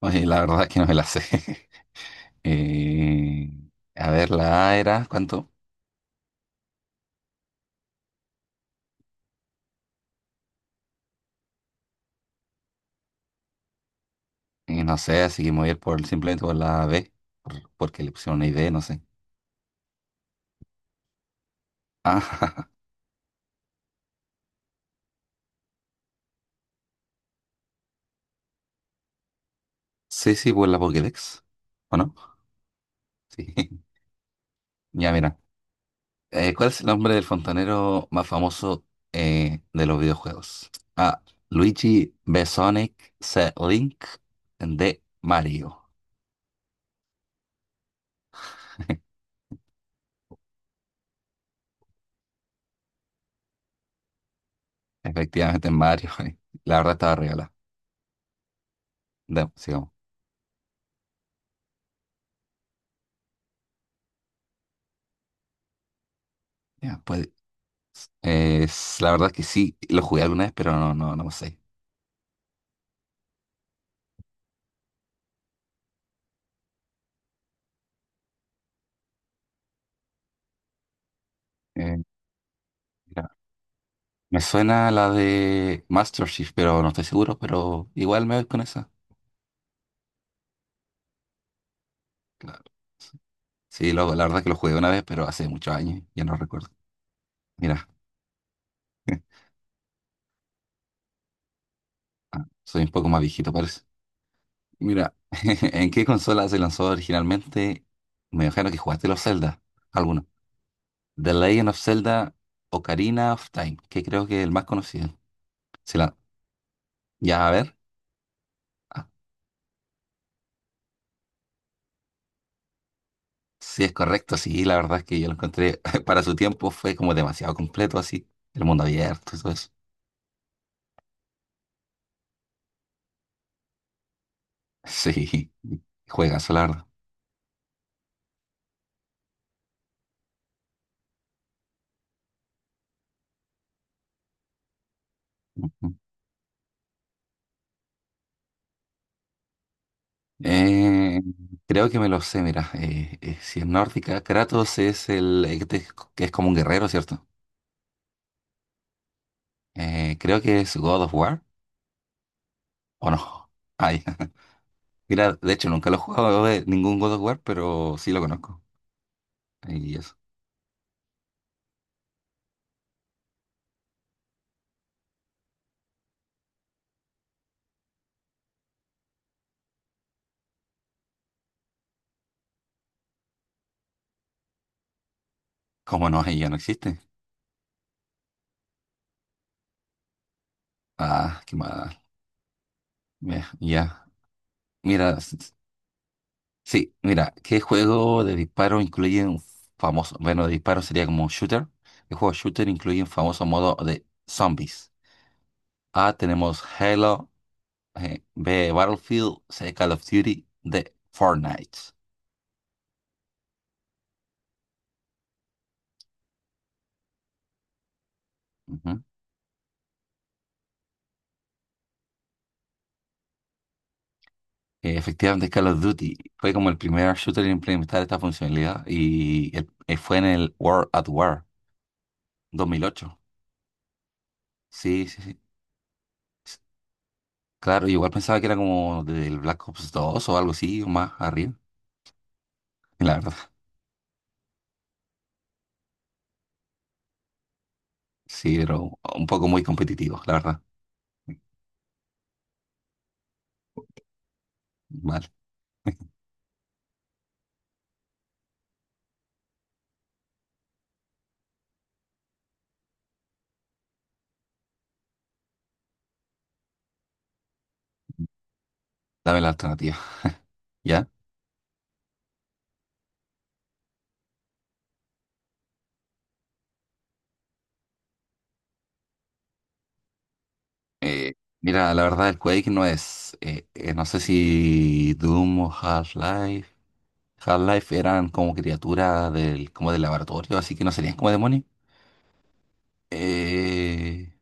Oye, la verdad es que no me la sé. Eh, la A era, ¿cuánto? No sé, así que me voy a ir por, simplemente por la B, porque le pusieron una ID, no sé. Ah, sí, sí, por la Pokédex. ¿O no? Sí. Ya, mira. ¿Cuál es el nombre del fontanero más famoso de los videojuegos? A. Luigi Besonic, C. Link, D. Mario. Efectivamente, Mario. La verdad estaba regalada. Ya, sigamos. Ya, pues, la verdad que sí, lo jugué alguna vez, pero no sé. Eh, Mira, me suena la de Master Chief, pero no estoy seguro, pero igual me voy con esa. Claro. Sí, la verdad que lo jugué una vez, pero hace muchos años, ya no recuerdo. Mira, ah, soy un poco más viejito, parece. Mira, ¿en qué consola se lanzó originalmente? Me imagino que jugaste los Zelda, alguno. The Legend of Zelda Ocarina of Time, que creo que es el más conocido. Se la- Ya, a ver. Ah, sí, es correcto, sí, la verdad es que yo lo encontré, para su tiempo fue como demasiado completo, así, el mundo abierto y todo eso. Sí, juegazo, la verdad. Ujú. Eh, Creo que me lo sé, mira, si es nórdica, Kratos es el que es como un guerrero, ¿cierto? Creo que es God of War, ¿o no? Ay, mira, de hecho nunca lo he jugado ningún God of War, pero sí lo conozco. Y eso. ¿Cómo no? Ahí ya no existe. Ah, qué mal. Ya, ya. Mira, sí, mira, ¿qué juego de disparo incluye un famoso, bueno, de disparo sería como un shooter? ¿Qué juego shooter incluye un famoso modo de zombies? A, tenemos Halo, B, Battlefield, C, Call of Duty, D, Fortnite. Ujú. Efectivamente, Call of Duty fue como el primer shooter en implementar esta funcionalidad y fue en el World at War 2008. Sí, sí, sí. S- Claro, igual pensaba que era como del Black Ops 2 o algo así, o más arriba, la verdad. Sí, pero un poco muy competitivo, la verdad. Vale, dame la alternativa. ¿Ya? Eh, Mira, la verdad, el Quake no es. No sé si Doom o Half-Life. Half-Life eran como criaturas del, como del laboratorio, así que no serían como demonios. Eh,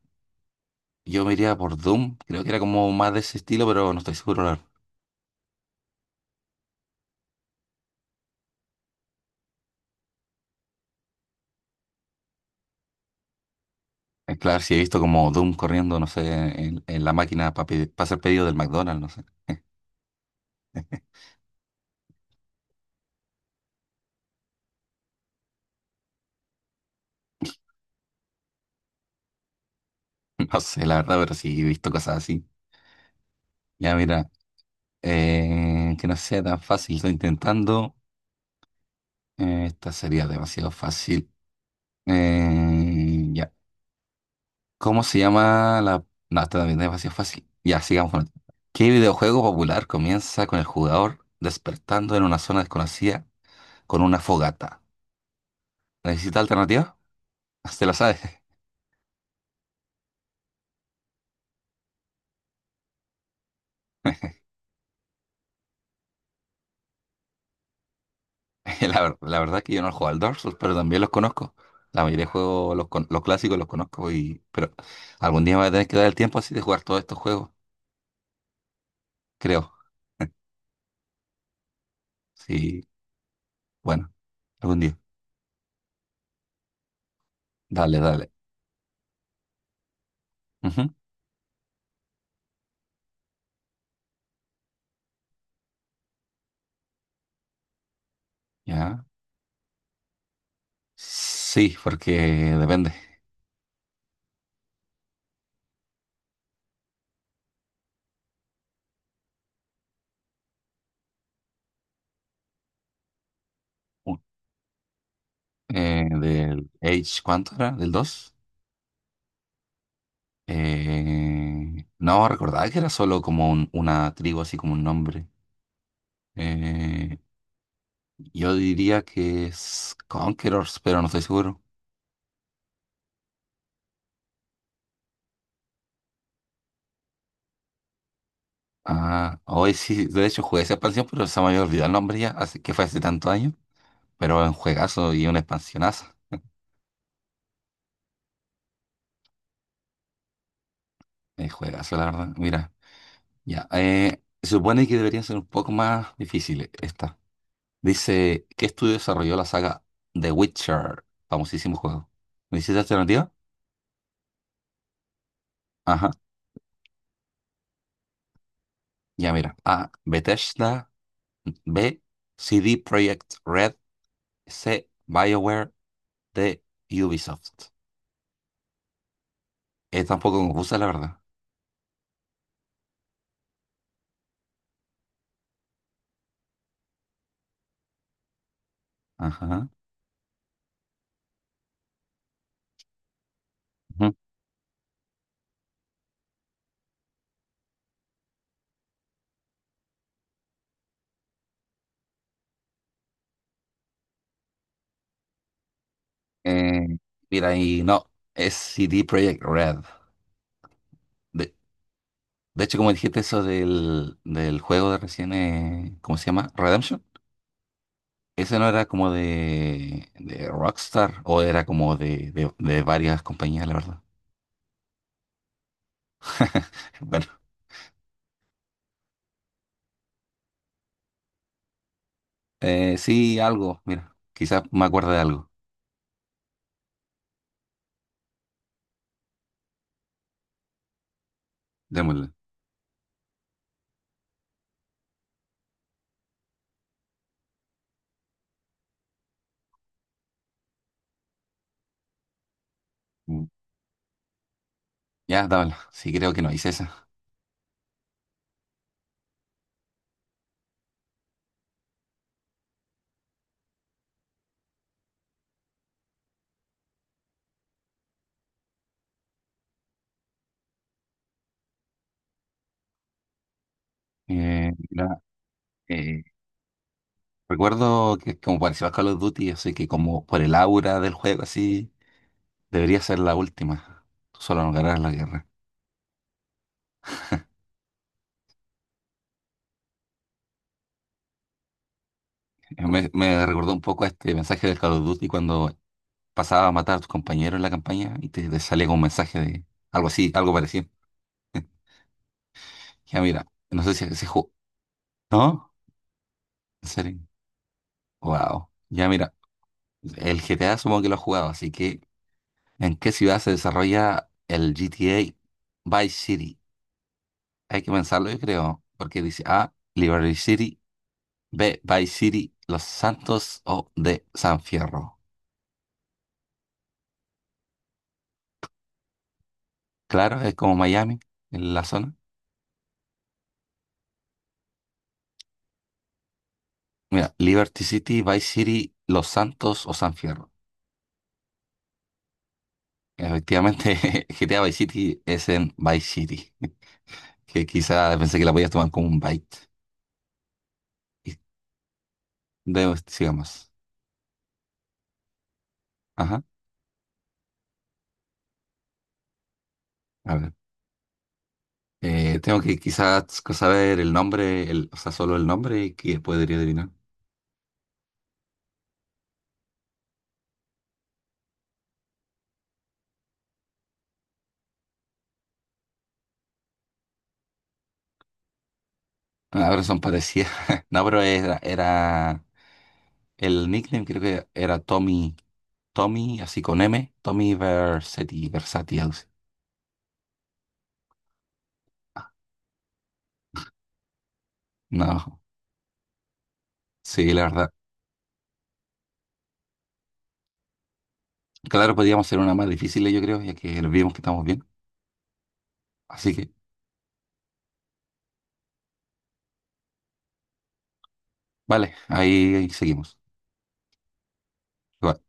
yo me iría por Doom. Creo que era como más de ese estilo, pero no estoy seguro, la verdad. Claro, si he visto como Doom corriendo, no sé, en la máquina para hacer pedido del McDonald's, no sé. No sé, la verdad, pero sí he visto cosas así. Ya, mira. Que no sea tan fácil, estoy intentando. Esta sería demasiado fácil. Ya. ¿Cómo se llama la...? No, esta también es demasiado fácil. Ya, sigamos con esto. ¿Qué videojuego popular comienza con el jugador despertando en una zona desconocida con una fogata? ¿Necesita alternativa? ¿Usted la sabe? La verdad que yo no he jugado al Dark Souls, pero también los conozco. La mayoría de juegos, los, los clásicos los conozco y... Pero algún día me voy a tener que dar el tiempo así de jugar todos estos juegos, creo. Sí, bueno, algún día. Dale, dale. Ujú, ya. Sí, porque depende. u- Del age, ¿cuánto era? ¿Del dos? No, recordaba que era solo como una tribu, así como un nombre. Eh, yo diría que es Conquerors, pero no estoy seguro. Ah, hoy sí, de hecho jugué esa expansión, pero se me había olvidado el nombre ya, así que fue hace tantos años. Pero es un juegazo y una expansionaza. Es juegazo, la verdad. Mira. Ya, se supone que deberían ser un poco más difíciles esta. Dice, ¿qué estudio desarrolló la saga The Witcher? Famosísimo juego. ¿Necesitas alternativa? Ajá, ya mira. A, Bethesda. B, CD Projekt Red. C, BioWare. D, Ubisoft. Está un poco confusa, la verdad. Ajá. Ujú. Eh, Mira, y no, es CD Projekt Red. De, de hecho, como dijiste eso del juego de recién, ¿cómo se llama? Redemption. Ese no era como de Rockstar o era como de varias compañías, la verdad. Bueno, sí, algo, mira, quizás me acuerdo de algo. Démosle. Mm. Ya, dámela. Sí, creo que no hice esa. Mira, eh, recuerdo que como pareció a Call of Duty, así que como por el aura del juego, así, debería ser la última. Tú solo no ganarás la guerra. Me recordó un poco a este mensaje del Call of Duty cuando pasaba a matar a tus compañeros en la campaña y te salía con un mensaje de algo así, algo parecido. Ya mira, no sé si se jugó. ¿No? ¿En serio? Wow. Ya mira, el GTA supongo que lo has jugado, así que ¿en qué ciudad se desarrolla el GTA Vice City? Hay que pensarlo, yo creo, porque dice A, Liberty City, B, Vice City, Los Santos o D, San Fierro. Claro, es como Miami, en la zona. Mira, Liberty City, Vice City, Los Santos o San Fierro. Efectivamente, GTA Vice City es en Vice City, que quizá pensé que la podías tomar como un byte. Y sigamos. Ajá, a ver. Tengo que quizás saber el nombre, el, o sea, solo el nombre y que podría adivinar. Ah, ahora son parecidas. No, pero era el nickname, creo que era Tommy, Tommy, así con M, Tommy Versetti, Versati, algo así. No, sí, la verdad. Claro, podíamos hacer una más difícil, yo creo, ya que vimos que estamos bien. Así que... Vale, ahí seguimos. Igual.